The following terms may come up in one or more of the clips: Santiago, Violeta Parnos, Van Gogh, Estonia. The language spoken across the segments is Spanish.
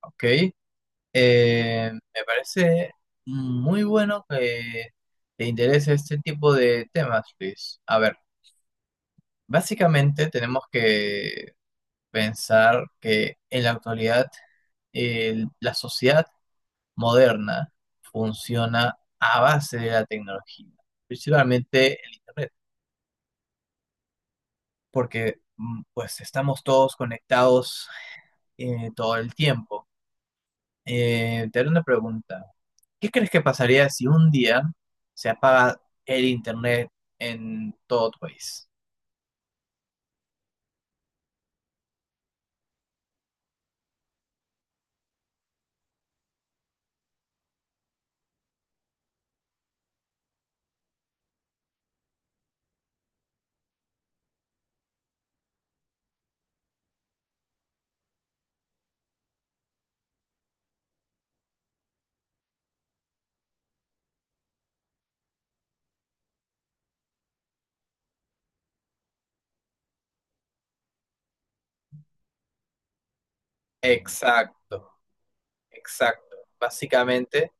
Ok, Me parece muy bueno que te interese este tipo de temas, Luis. A ver, básicamente tenemos que pensar que en la actualidad la sociedad moderna funciona a base de la tecnología, principalmente el Internet, porque pues estamos todos conectados todo el tiempo. Te haré una pregunta. ¿Qué crees que pasaría si un día se apaga el internet en todo tu país? Exacto, exacto. Básicamente,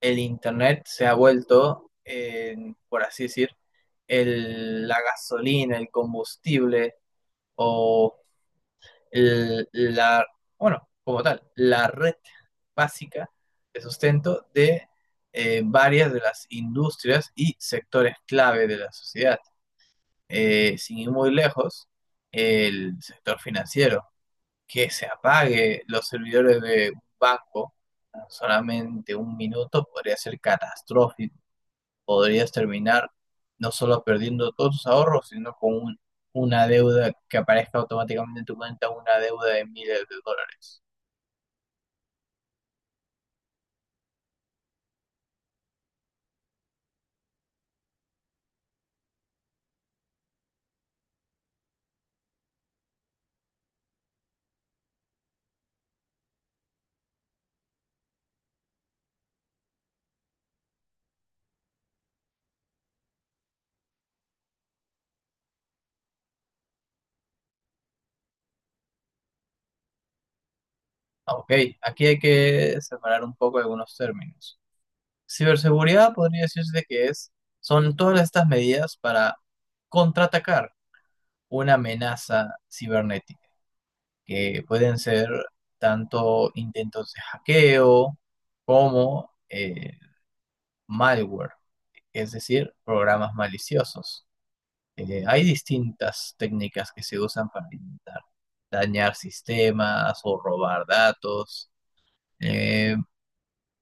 el internet se ha vuelto, por así decir, la gasolina, el combustible o el- la, bueno, como tal, la red básica de sustento de varias de las industrias y sectores clave de la sociedad. Sin ir muy lejos, el sector financiero, que se apague los servidores de un banco en solamente un minuto podría ser catastrófico, podrías terminar no solo perdiendo todos tus ahorros, sino con una deuda que aparezca automáticamente en tu cuenta, una deuda de miles de dólares. Ok, aquí hay que separar un poco algunos términos. Ciberseguridad podría decirse que es, son todas estas medidas para contraatacar una amenaza cibernética, que pueden ser tanto intentos de hackeo como malware, es decir, programas maliciosos. Hay distintas técnicas que se usan para intentar dañar sistemas o robar datos. Eh,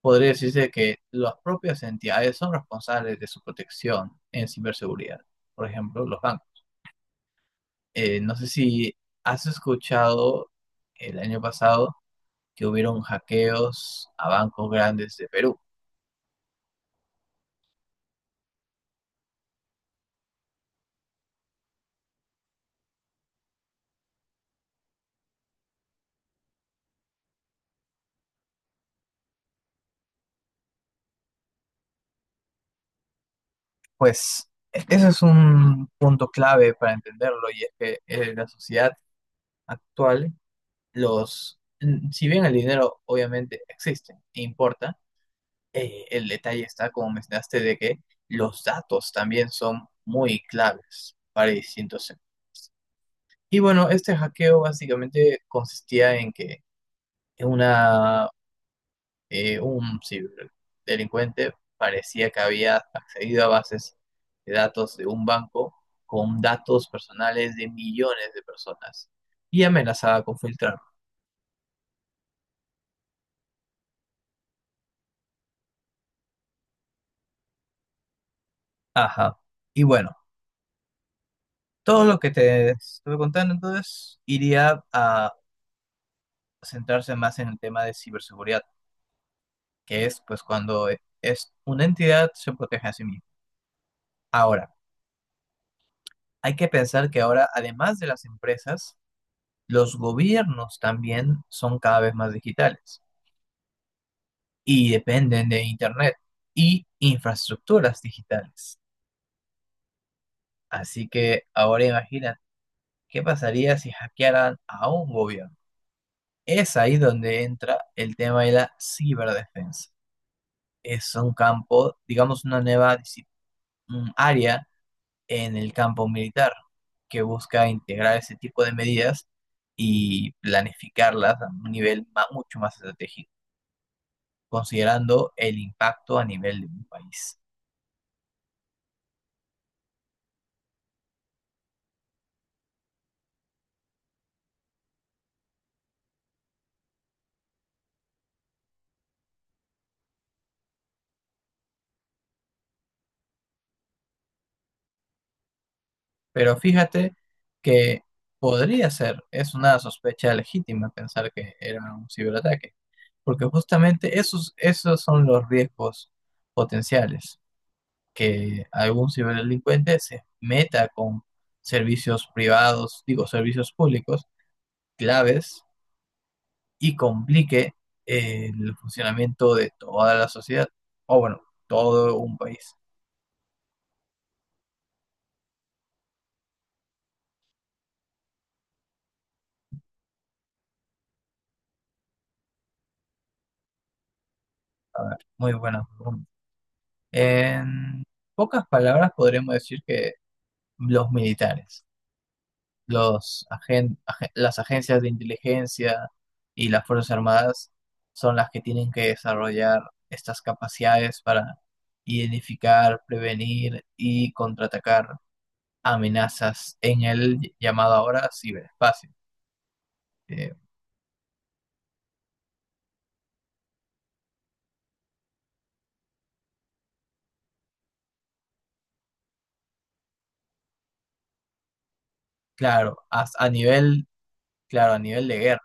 podría decirse que las propias entidades son responsables de su protección en ciberseguridad, por ejemplo, los bancos. No sé si has escuchado el año pasado que hubieron hackeos a bancos grandes de Perú. Pues ese es un punto clave para entenderlo, y es que en la sociedad actual, si bien el dinero obviamente existe e importa, el detalle está, como mencionaste, de que los datos también son muy claves para distintos sectores. Y bueno, este hackeo básicamente consistía en que una un ciberdelincuente parecía que había accedido a bases de datos de un banco con datos personales de millones de personas y amenazaba con filtrarlo. Ajá. Y bueno, todo lo que te estuve contando entonces iría a centrarse más en el tema de ciberseguridad, que es pues cuando es una entidad se protege a sí misma. Ahora, hay que pensar que ahora, además de las empresas, los gobiernos también son cada vez más digitales y dependen de Internet y infraestructuras digitales. Así que ahora imagina qué pasaría si hackearan a un gobierno. Es ahí donde entra el tema de la ciberdefensa. Es un campo, digamos, una un área en el campo militar que busca integrar ese tipo de medidas y planificarlas a un nivel mucho más estratégico, considerando el impacto a nivel de un país. Pero fíjate que podría ser, es una sospecha legítima pensar que era un ciberataque, porque justamente esos, esos son los riesgos potenciales, que algún ciberdelincuente se meta con servicios públicos claves y complique el funcionamiento de toda la sociedad, o bueno, todo un país. A ver, muy buena pregunta. En pocas palabras podríamos decir que los militares, las agencias de inteligencia y las Fuerzas Armadas son las que tienen que desarrollar estas capacidades para identificar, prevenir y contraatacar amenazas en el llamado ahora ciberespacio. Eh, claro, as- a nivel, claro, a nivel de guerra.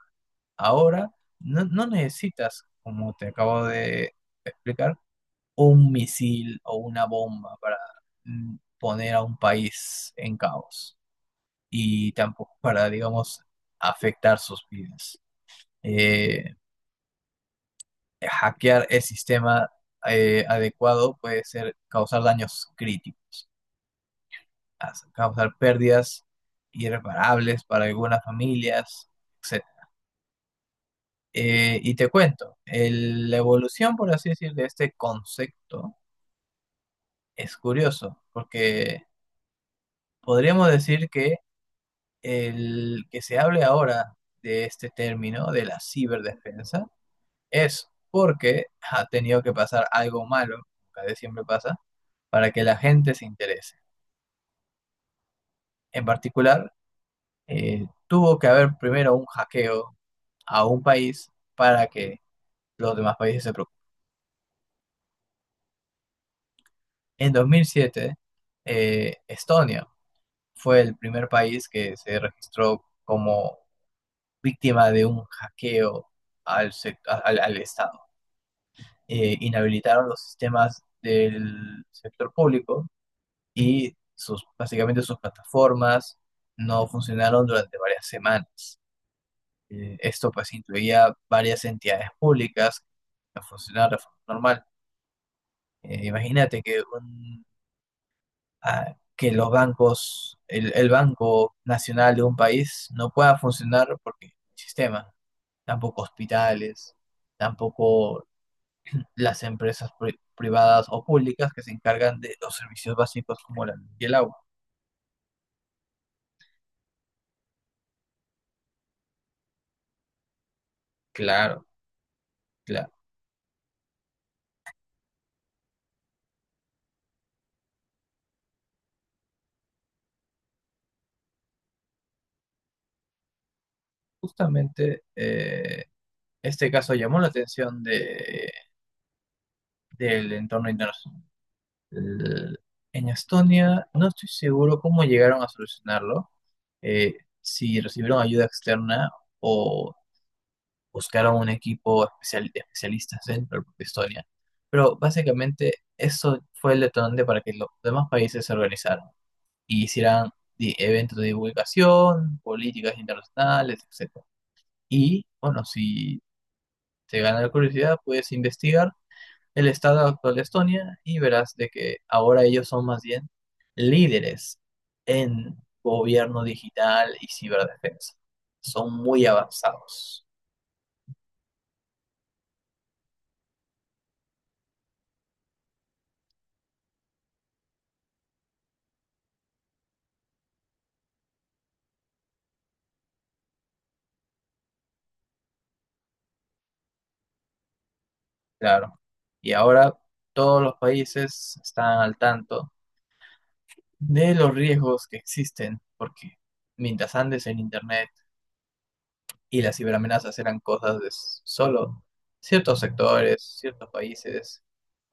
Ahora no necesitas, como te acabo de explicar, un misil o una bomba para poner a un país en caos y tampoco para, digamos, afectar sus vidas. Eh, hackear el sistema adecuado puede ser causar daños críticos, causar pérdidas irreparables para algunas familias, etcétera. Y te cuento, la evolución, por así decir, de este concepto es curioso, porque podríamos decir que el que se hable ahora de este término, de la ciberdefensa, es porque ha tenido que pasar algo malo, cada vez siempre pasa, para que la gente se interese. En particular, tuvo que haber primero un hackeo a un país para que los demás países se preocupen. En 2007, Estonia fue el primer país que se registró como víctima de un hackeo al Estado. Inhabilitaron los sistemas del sector público y básicamente sus plataformas no funcionaron durante varias semanas. Esto pues incluía varias entidades públicas que no funcionaban de forma normal. Imagínate que, que los bancos, el Banco Nacional de un país no pueda funcionar porque el sistema, tampoco hospitales, tampoco las empresas privadas o públicas que se encargan de los servicios básicos como la luz y el agua. Claro, claro. Justamente este caso llamó la atención del entorno internacional. L- En Estonia no estoy seguro cómo llegaron a solucionarlo, si recibieron ayuda externa o buscaron un equipo especial, de especialistas dentro de propia Estonia. Pero básicamente eso fue el detonante para que los demás países se organizaran y hicieran eventos de divulgación, políticas internacionales, etcétera. Y bueno, si te gana la curiosidad, puedes investigar el estado actual de Estonia y verás de que ahora ellos son más bien líderes en gobierno digital y ciberdefensa. Son muy avanzados, claro. Y ahora todos los países están al tanto de los riesgos que existen, porque mientras andes en Internet y las ciberamenazas eran cosas de solo ciertos sectores, ciertos países.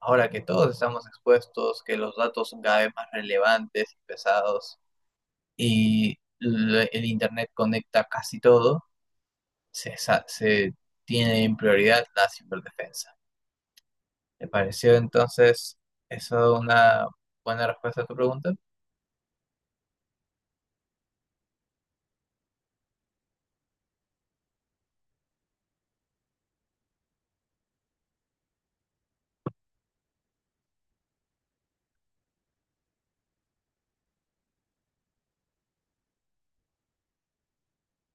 Ahora que todos estamos expuestos, que los datos son cada vez más relevantes y pesados y el Internet conecta casi todo, se tiene en prioridad la ciberdefensa. ¿Te pareció entonces eso una buena respuesta a tu pregunta?